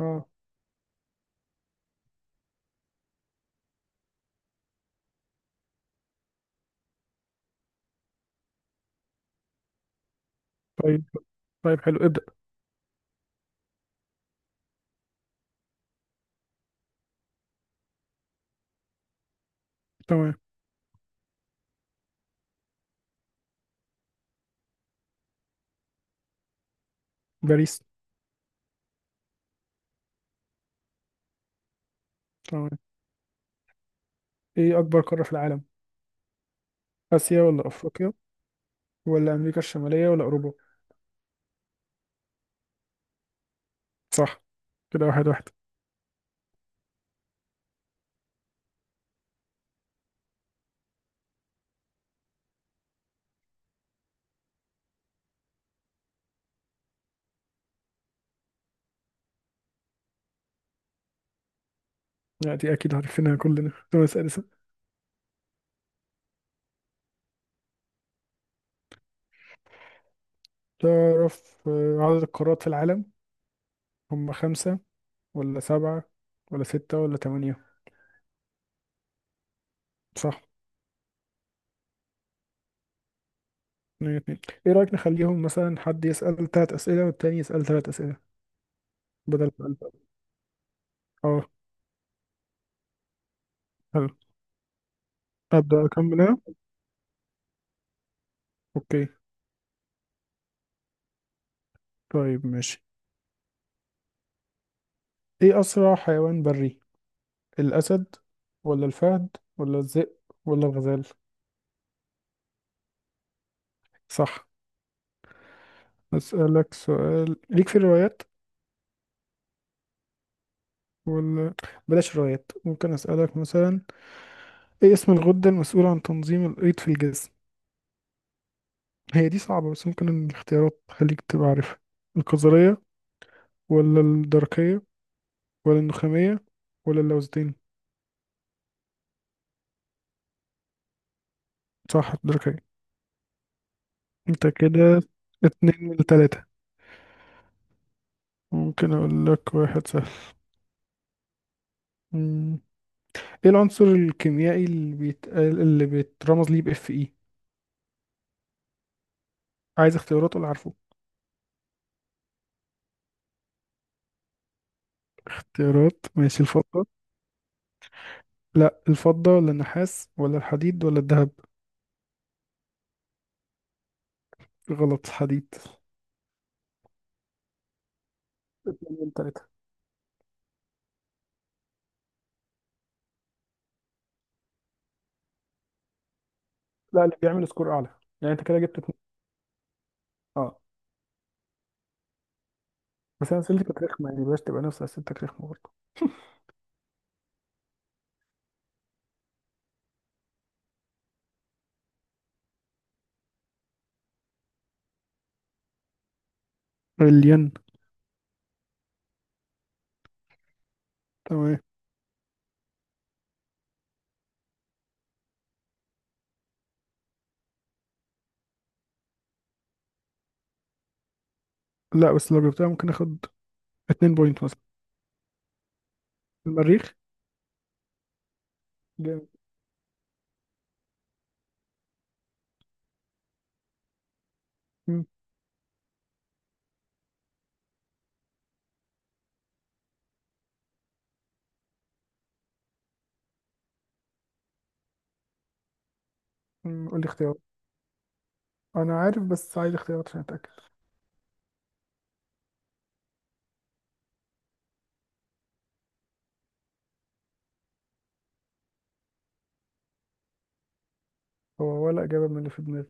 اه. طيب، طيب، حلو ابدأ. تمام. باريس. تمام، ايه اكبر قارة في العالم؟ اسيا ولا افريقيا ولا امريكا الشمالية ولا اوروبا؟ صح، كده واحد واحد. يعني دي اكيد عارفينها كلنا طب اسأل اسأل. تعرف عدد القارات في العالم؟ هم خمسة ولا سبعة ولا ستة ولا تمانية؟ صح. اتنين اتنين. ايه رأيك نخليهم مثلا حد يسأل تلات اسئلة والتاني يسأل تلات اسئلة بدل سؤال بقى. اه. حلو. ابدأ اكمل انا. اوكي. طيب ماشي. ايه اسرع حيوان بري؟ الأسد ولا الفهد ولا الذئب ولا الغزال؟ صح. أسألك سؤال ليك في الروايات؟ ولا بلاش روايات. ممكن أسألك مثلا، إيه اسم الغدة المسؤولة عن تنظيم الأيض في الجسم؟ هي دي صعبة بس ممكن الاختيارات تخليك تبقى عارفها. القذرية ولا الدرقية ولا النخامية ولا اللوزتين؟ صح الدرقية. أنت كده اتنين من تلاتة. ممكن أقول لك واحد سهل. مم. ايه العنصر الكيميائي اللي بيتقال اللي بيترمز ليه باف اي؟ عايز اختيارات ولا عارفه؟ اختيارات ماشي. الفضة؟ لا الفضة ولا النحاس ولا الحديد ولا الذهب؟ غلط. حديد. اتنين من تلاتة. لا اللي بيعمل سكور أعلى. يعني أنت كده جبت اتنين. أه. بس أنا أسئلتي كانت رخمة يعني بلاش تبقى نفس أسئلتك رخمة برضه. الين. تمام. لا بس لو جبتها ممكن اخد 2 بوينت مثلا. المريخ. جامد. مم. قول لي اختيار. أنا عارف بس عايز اختيارات عشان أتأكد. هو ولا إجابة من اللي في دماغي،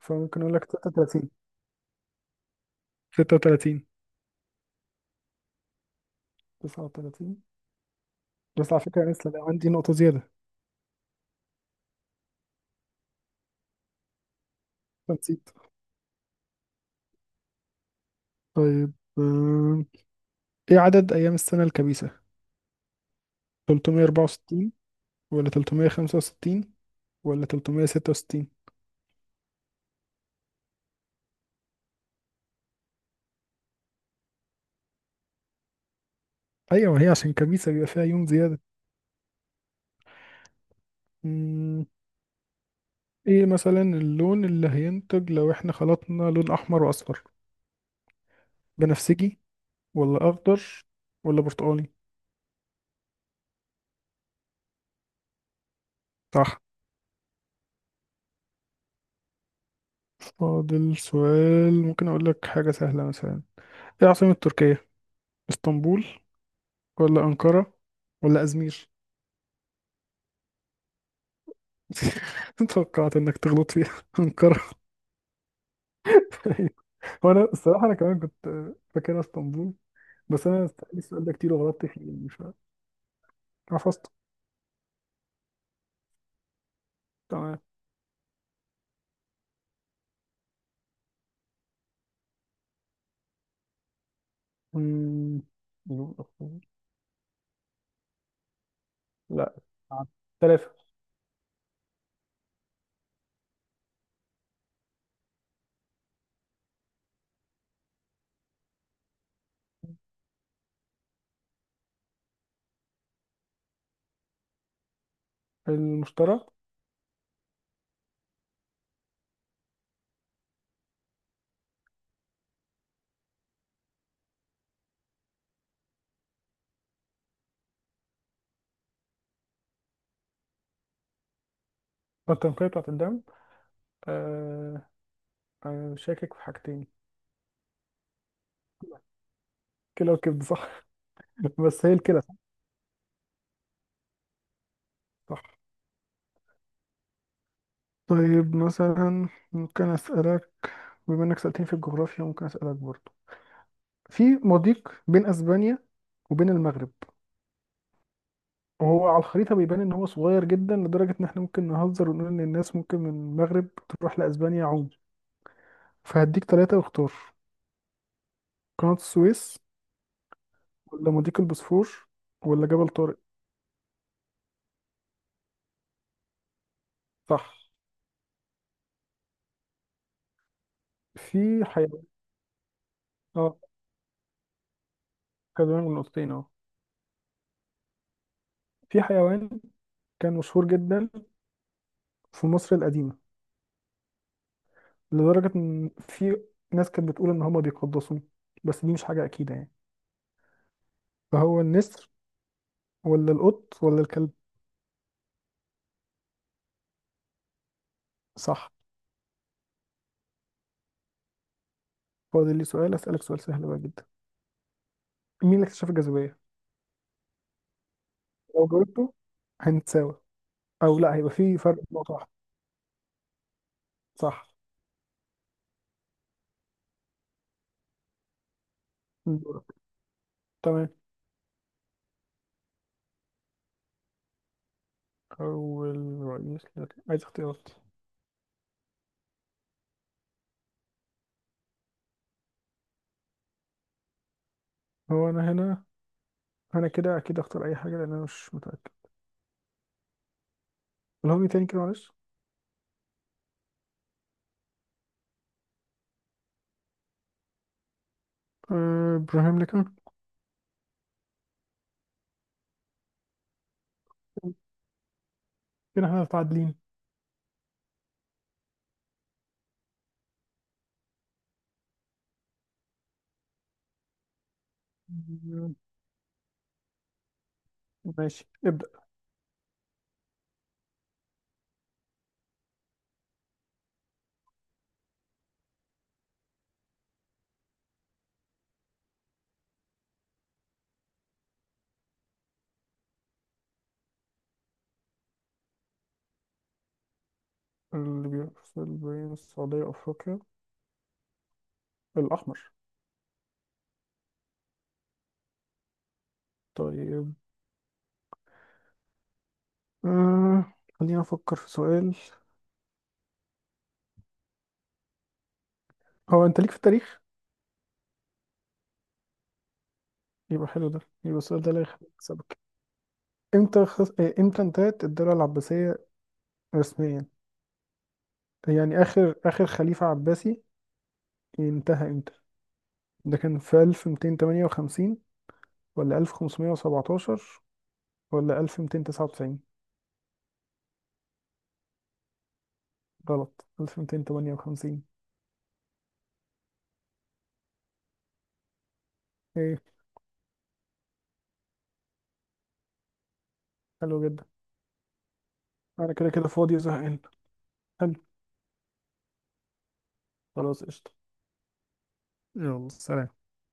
فممكن أقول لك 36. 36. 39. بس على فكرة أنا لسه ده عندي نقطة زيادة. نسيت. طيب. آم، إيه عدد أيام السنة الكبيسة؟ 364 ولا 365 ولا 366؟ أيوة هي عشان كبيسة بيبقى فيها يوم زيادة. مم. إيه مثلا اللون اللي هينتج لو إحنا خلطنا لون أحمر وأصفر؟ بنفسجي ولا أخضر ولا برتقالي؟ صح. فاضل سؤال. ممكن أقول لك حاجة سهلة مثلا. إيه عاصمة تركيا؟ اسطنبول ولا أنقرة ولا أزمير؟ توقعت انك تغلط فيها انقرة. وانا الصراحة انا كمان كنت فاكرها اسطنبول. بس انا سألت السؤال ده كتير وغلطت فيه يعني مش عارف. حفظته. تمام. أمم، يوم الأخوة. لا. ثلاثة. المشترى. التنقية بتاعت الدم. آه... شاكك في حاجتين. كلى وكبد صح بس هي الكلى صح. صح. طيب مثلا ممكن أسألك، بما إنك سألتني في الجغرافيا ممكن أسألك برضو، في مضيق بين أسبانيا وبين المغرب، وهو على الخريطة بيبان إن هو صغير جدا لدرجة إن إحنا ممكن نهزر ونقول إن الناس ممكن من المغرب تروح لأسبانيا عوم. فهديك تلاتة واختار. قناة السويس ولا مضيق البوسفور ولا جبل طارق؟ صح. في حيوان. اه. كدوان من نقطتين اه. في حيوان كان مشهور جدا في مصر القديمة لدرجة إن في ناس كانت بتقول إن هما بيقدسوه، بس دي مش حاجة أكيدة يعني. فهو النسر ولا القط ولا الكلب؟ صح. فاضل لي سؤال. أسألك سؤال سهل بقى جدا. مين اللي اكتشف الجاذبية؟ لو جاوبته هنتساوي او لا هيبقى في فرق نقطة واحدة. صح. دورك. تمام. اول رئيس عايز اختيارات. هو انا هنا، انا كده اكيد اختار اي حاجة لان انا مش متأكد. الهوجي تاني كده معلش. ابراهيم لينكولن. كده احنا متعادلين. مم، ماشي ابدأ. اللي بيفصل بين السعودية وأفريقيا الأحمر. طيب. خلينا أفكر في سؤال. هو أنت ليك في التاريخ؟ يبقى حلو ده، يبقى السؤال ده لا يخليك. امتى خص... آه، امتى انتهت الدولة العباسية رسميا؟ يعني آخر آخر خليفة عباسي انتهى امتى؟ ده كان في 1258 ولا 1517 ولا 1299؟ غلط 1258. ايه. حلو جدا. انا كده كده فاضي وزهقان. حلو. خلاص قشطة. يلا سلام.